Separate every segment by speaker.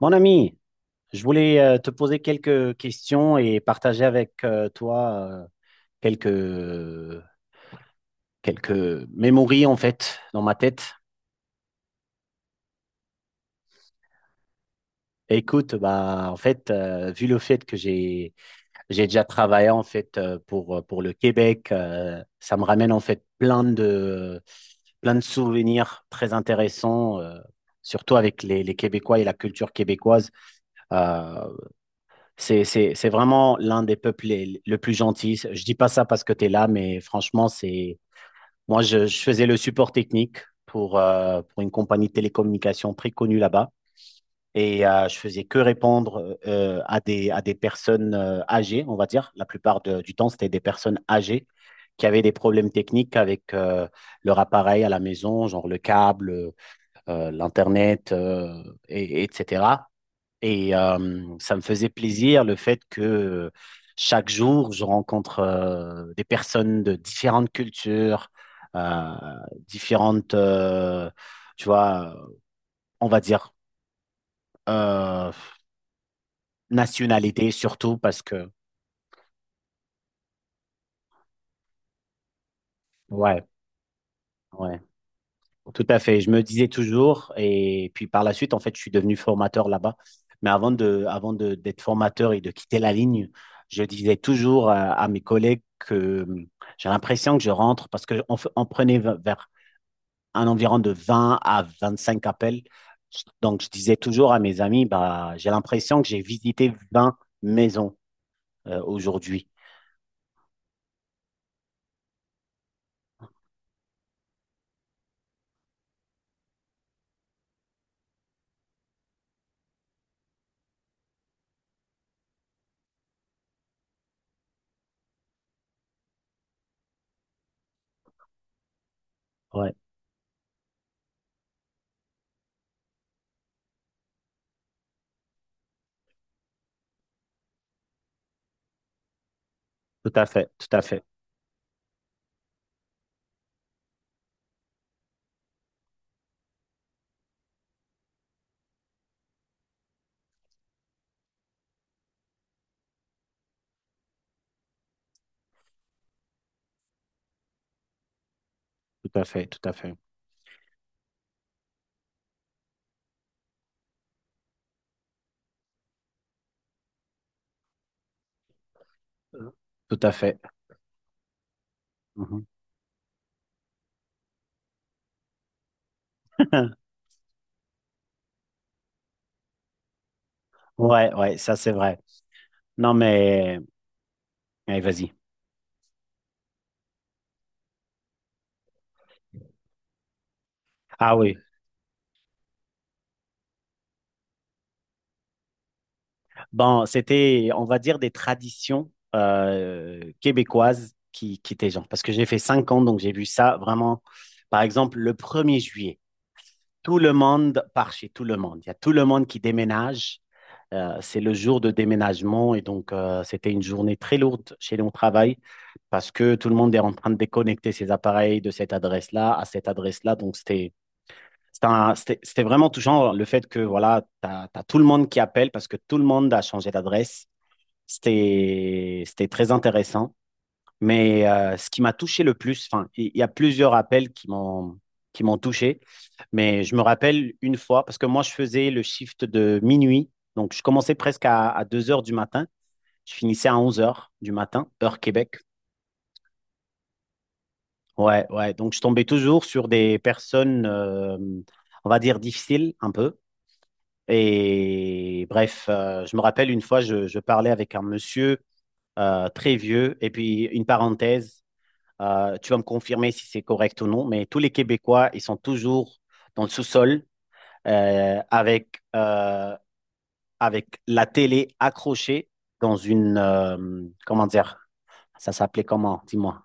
Speaker 1: Mon ami, je voulais te poser quelques questions et partager avec toi quelques quelques mémories en fait dans ma tête. Écoute, bah en fait, vu le fait que j'ai déjà travaillé en fait pour le Québec, ça me ramène en fait plein de souvenirs très intéressants, surtout avec les Québécois et la culture québécoise. Euh, c'est vraiment l'un des peuples le plus gentil. Je dis pas ça parce que tu es là, mais franchement, c'est moi, je faisais le support technique pour une compagnie de télécommunications très connue là-bas. Et je faisais que répondre à des personnes âgées, on va dire. La plupart du temps, c'était des personnes âgées qui avaient des problèmes techniques avec leur appareil à la maison, genre le câble, l'Internet, et, etc. Et ça me faisait plaisir le fait que chaque jour, je rencontre des personnes de différentes cultures, euh, différentes, tu vois, on va dire, euh, nationalités surtout parce que, ouais, ouais. Tout à fait. Je me disais toujours, et puis par la suite, en fait, je suis devenu formateur là-bas. Mais avant d'être formateur et de quitter la ligne, je disais toujours à mes collègues que j'ai l'impression que je rentre parce qu'on prenait vers un environ de 20 à 25 appels. Donc, je disais toujours à mes amis, bah, j'ai l'impression que j'ai visité 20 maisons aujourd'hui. Ouais, tout à fait, tout à fait, tout à fait, tout à fait. Euh, Tout à fait. Mhm. Ouais, ouais, ça c'est vrai. Non, mais, allez, vas-y. Ah oui. Bon, c'était, on va dire, des traditions québécoises qui étaient genre. Parce que j'ai fait 5 ans, donc j'ai vu ça vraiment. Par exemple, le premier juillet, tout le monde part chez tout le monde. Il y a tout le monde qui déménage. C'est le jour de déménagement et donc c'était une journée très lourde chez nous au travail parce que tout le monde est en train de déconnecter ses appareils de cette adresse-là à cette adresse-là. Donc c'était vraiment touchant le fait que voilà, tu as, tout le monde qui appelle parce que tout le monde a changé d'adresse. C'était, c'était très intéressant. Mais ce qui m'a touché le plus, enfin, il y a plusieurs appels qui m'ont touché, mais je me rappelle une fois, parce que moi, je faisais le shift de minuit, donc je commençais presque à 2 heures du matin, je finissais à 11 heures du matin, heure Québec. Ouais, ouais, donc je tombais toujours sur des personnes, on va dire, difficiles un peu. Et bref, je me rappelle une fois, je parlais avec un monsieur très vieux, et puis une parenthèse, tu vas me confirmer si c'est correct ou non, mais tous les Québécois, ils sont toujours dans le sous-sol avec, avec la télé accrochée dans une, comment dire? Ça s'appelait comment? Dis-moi.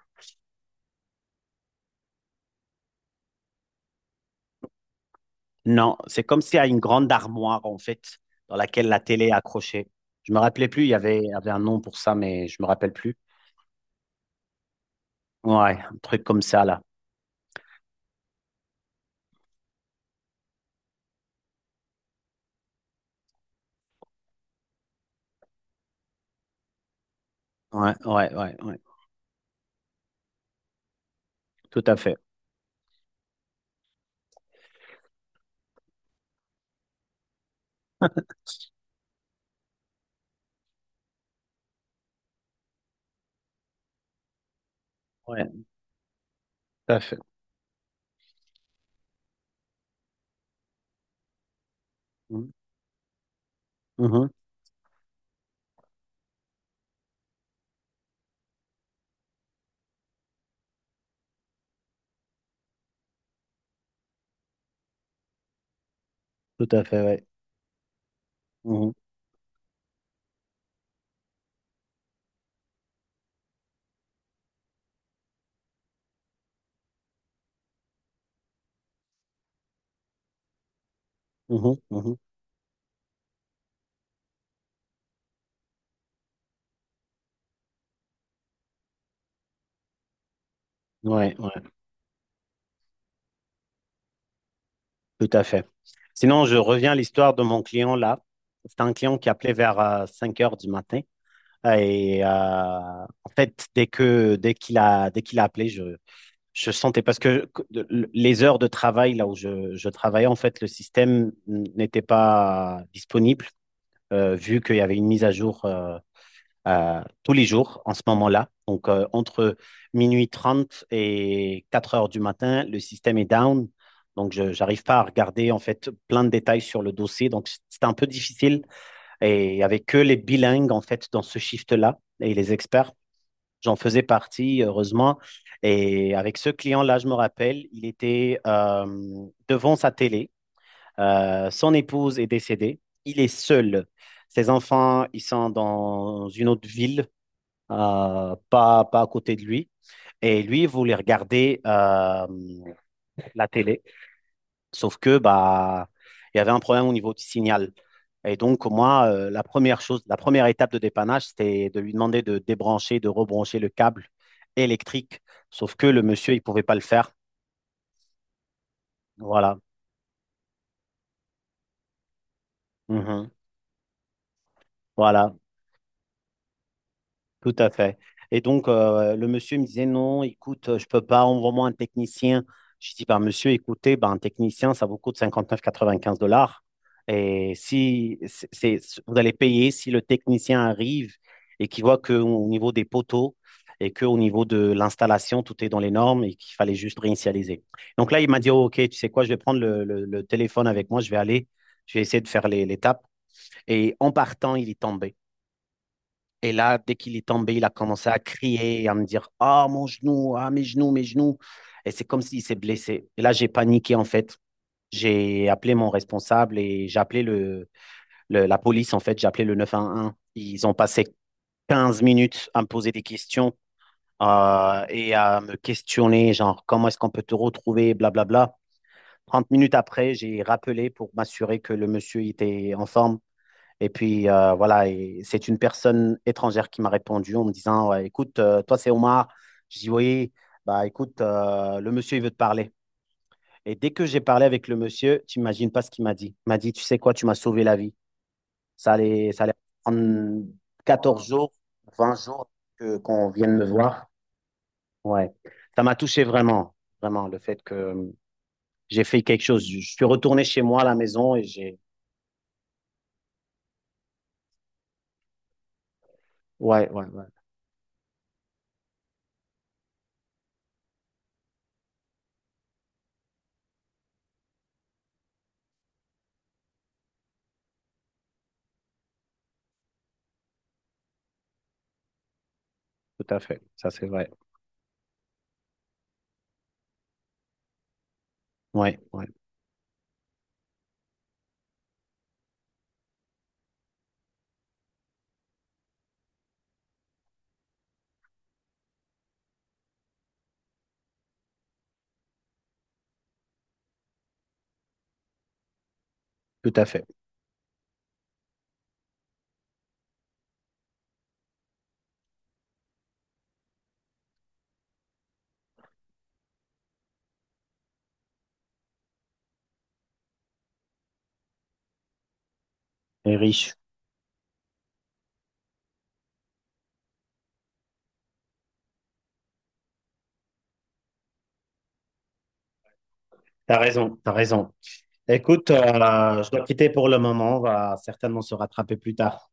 Speaker 1: Non, c'est comme s'il y a une grande armoire, en fait, dans laquelle la télé est accrochée. Je me rappelais plus, il y avait un nom pour ça, mais je me rappelle plus. Ouais, un truc comme ça, là. Ouais, ouais, ouais, ouais. Tout à fait. Ouais, tout à fait. Mhm, mhm. Tout à fait, ouais. Mhm, mhm, mhm. Ouais, ouais. Tout à fait. Sinon, je reviens à l'histoire de mon client là. C'est un client qui appelait vers 5 heures du matin. Et en fait, dès qu'il a appelé, je sentais parce que les heures de travail là où je travaillais, en fait, le système n'était pas disponible vu qu'il y avait une mise à jour tous les jours en ce moment-là. Donc, entre minuit 30 et 4 heures du matin, le système est down. Donc, je n'arrive pas à regarder en fait plein de détails sur le dossier. Donc, c'était un peu difficile. Et avec que les bilingues en fait dans ce shift-là et les experts, j'en faisais partie, heureusement. Et avec ce client-là, je me rappelle, il était devant sa télé. Son épouse est décédée. Il est seul. Ses enfants, ils sont dans une autre ville, pas à côté de lui. Et lui, il voulait regarder la télé. Sauf que bah, il y avait un problème au niveau du signal. Et donc, moi, la première chose, la première étape de dépannage, c'était de lui demander de débrancher, de rebrancher le câble électrique. Sauf que le monsieur, il ne pouvait pas le faire. Voilà. Mhm. Voilà. Tout à fait. Et donc, le monsieur me disait, non, écoute, je peux pas, envoie-moi un technicien. Je dis, ben, monsieur, écoutez, ben, un technicien, ça vous coûte cinquante-neuf virgule quatre-vingt-quinze dollars. Et si vous allez payer, si le technicien arrive et qu'il voit qu'au niveau des poteaux et qu'au niveau de l'installation, tout est dans les normes et qu'il fallait juste réinitialiser. Donc là, il m'a dit, oh, OK, tu sais quoi, je vais prendre le téléphone avec moi, je vais aller, je vais essayer de faire l'étape. Et en partant, il est tombé. Et là, dès qu'il est tombé, il a commencé à crier, à me dire: ah, mon genou, ah, mes genoux, mes genoux. Et c'est comme s'il s'est blessé. Et là, j'ai paniqué, en fait. J'ai appelé mon responsable et j'ai appelé la police, en fait. J'ai appelé le 911. Ils ont passé 15 minutes à me poser des questions et à me questionner, genre, comment est-ce qu'on peut te retrouver, blablabla. 30 minutes après, j'ai rappelé pour m'assurer que le monsieur était en forme et puis voilà, et c'est une personne étrangère qui m'a répondu en me disant: ouais, écoute, toi c'est Omar. Je dis: oui, bah écoute, le monsieur il veut te parler. Et dès que j'ai parlé avec le monsieur, tu n'imagines pas ce qu'il m'a dit. Il m'a dit: tu sais quoi, tu m'as sauvé la vie. Ça allait prendre 14 jours, 20 jours qu'on vienne me voir. Ouais, ça m'a touché vraiment, vraiment, le fait que j'ai fait quelque chose. Je suis retourné chez moi à la maison et j'ai. Ouais, ouais, ouais, tout à fait. Ça c'est vrai. Ouais, ouais, tout à fait. Et riche. T'as raison, t'as raison. Écoute, je dois quitter pour le moment. On va certainement se rattraper plus tard.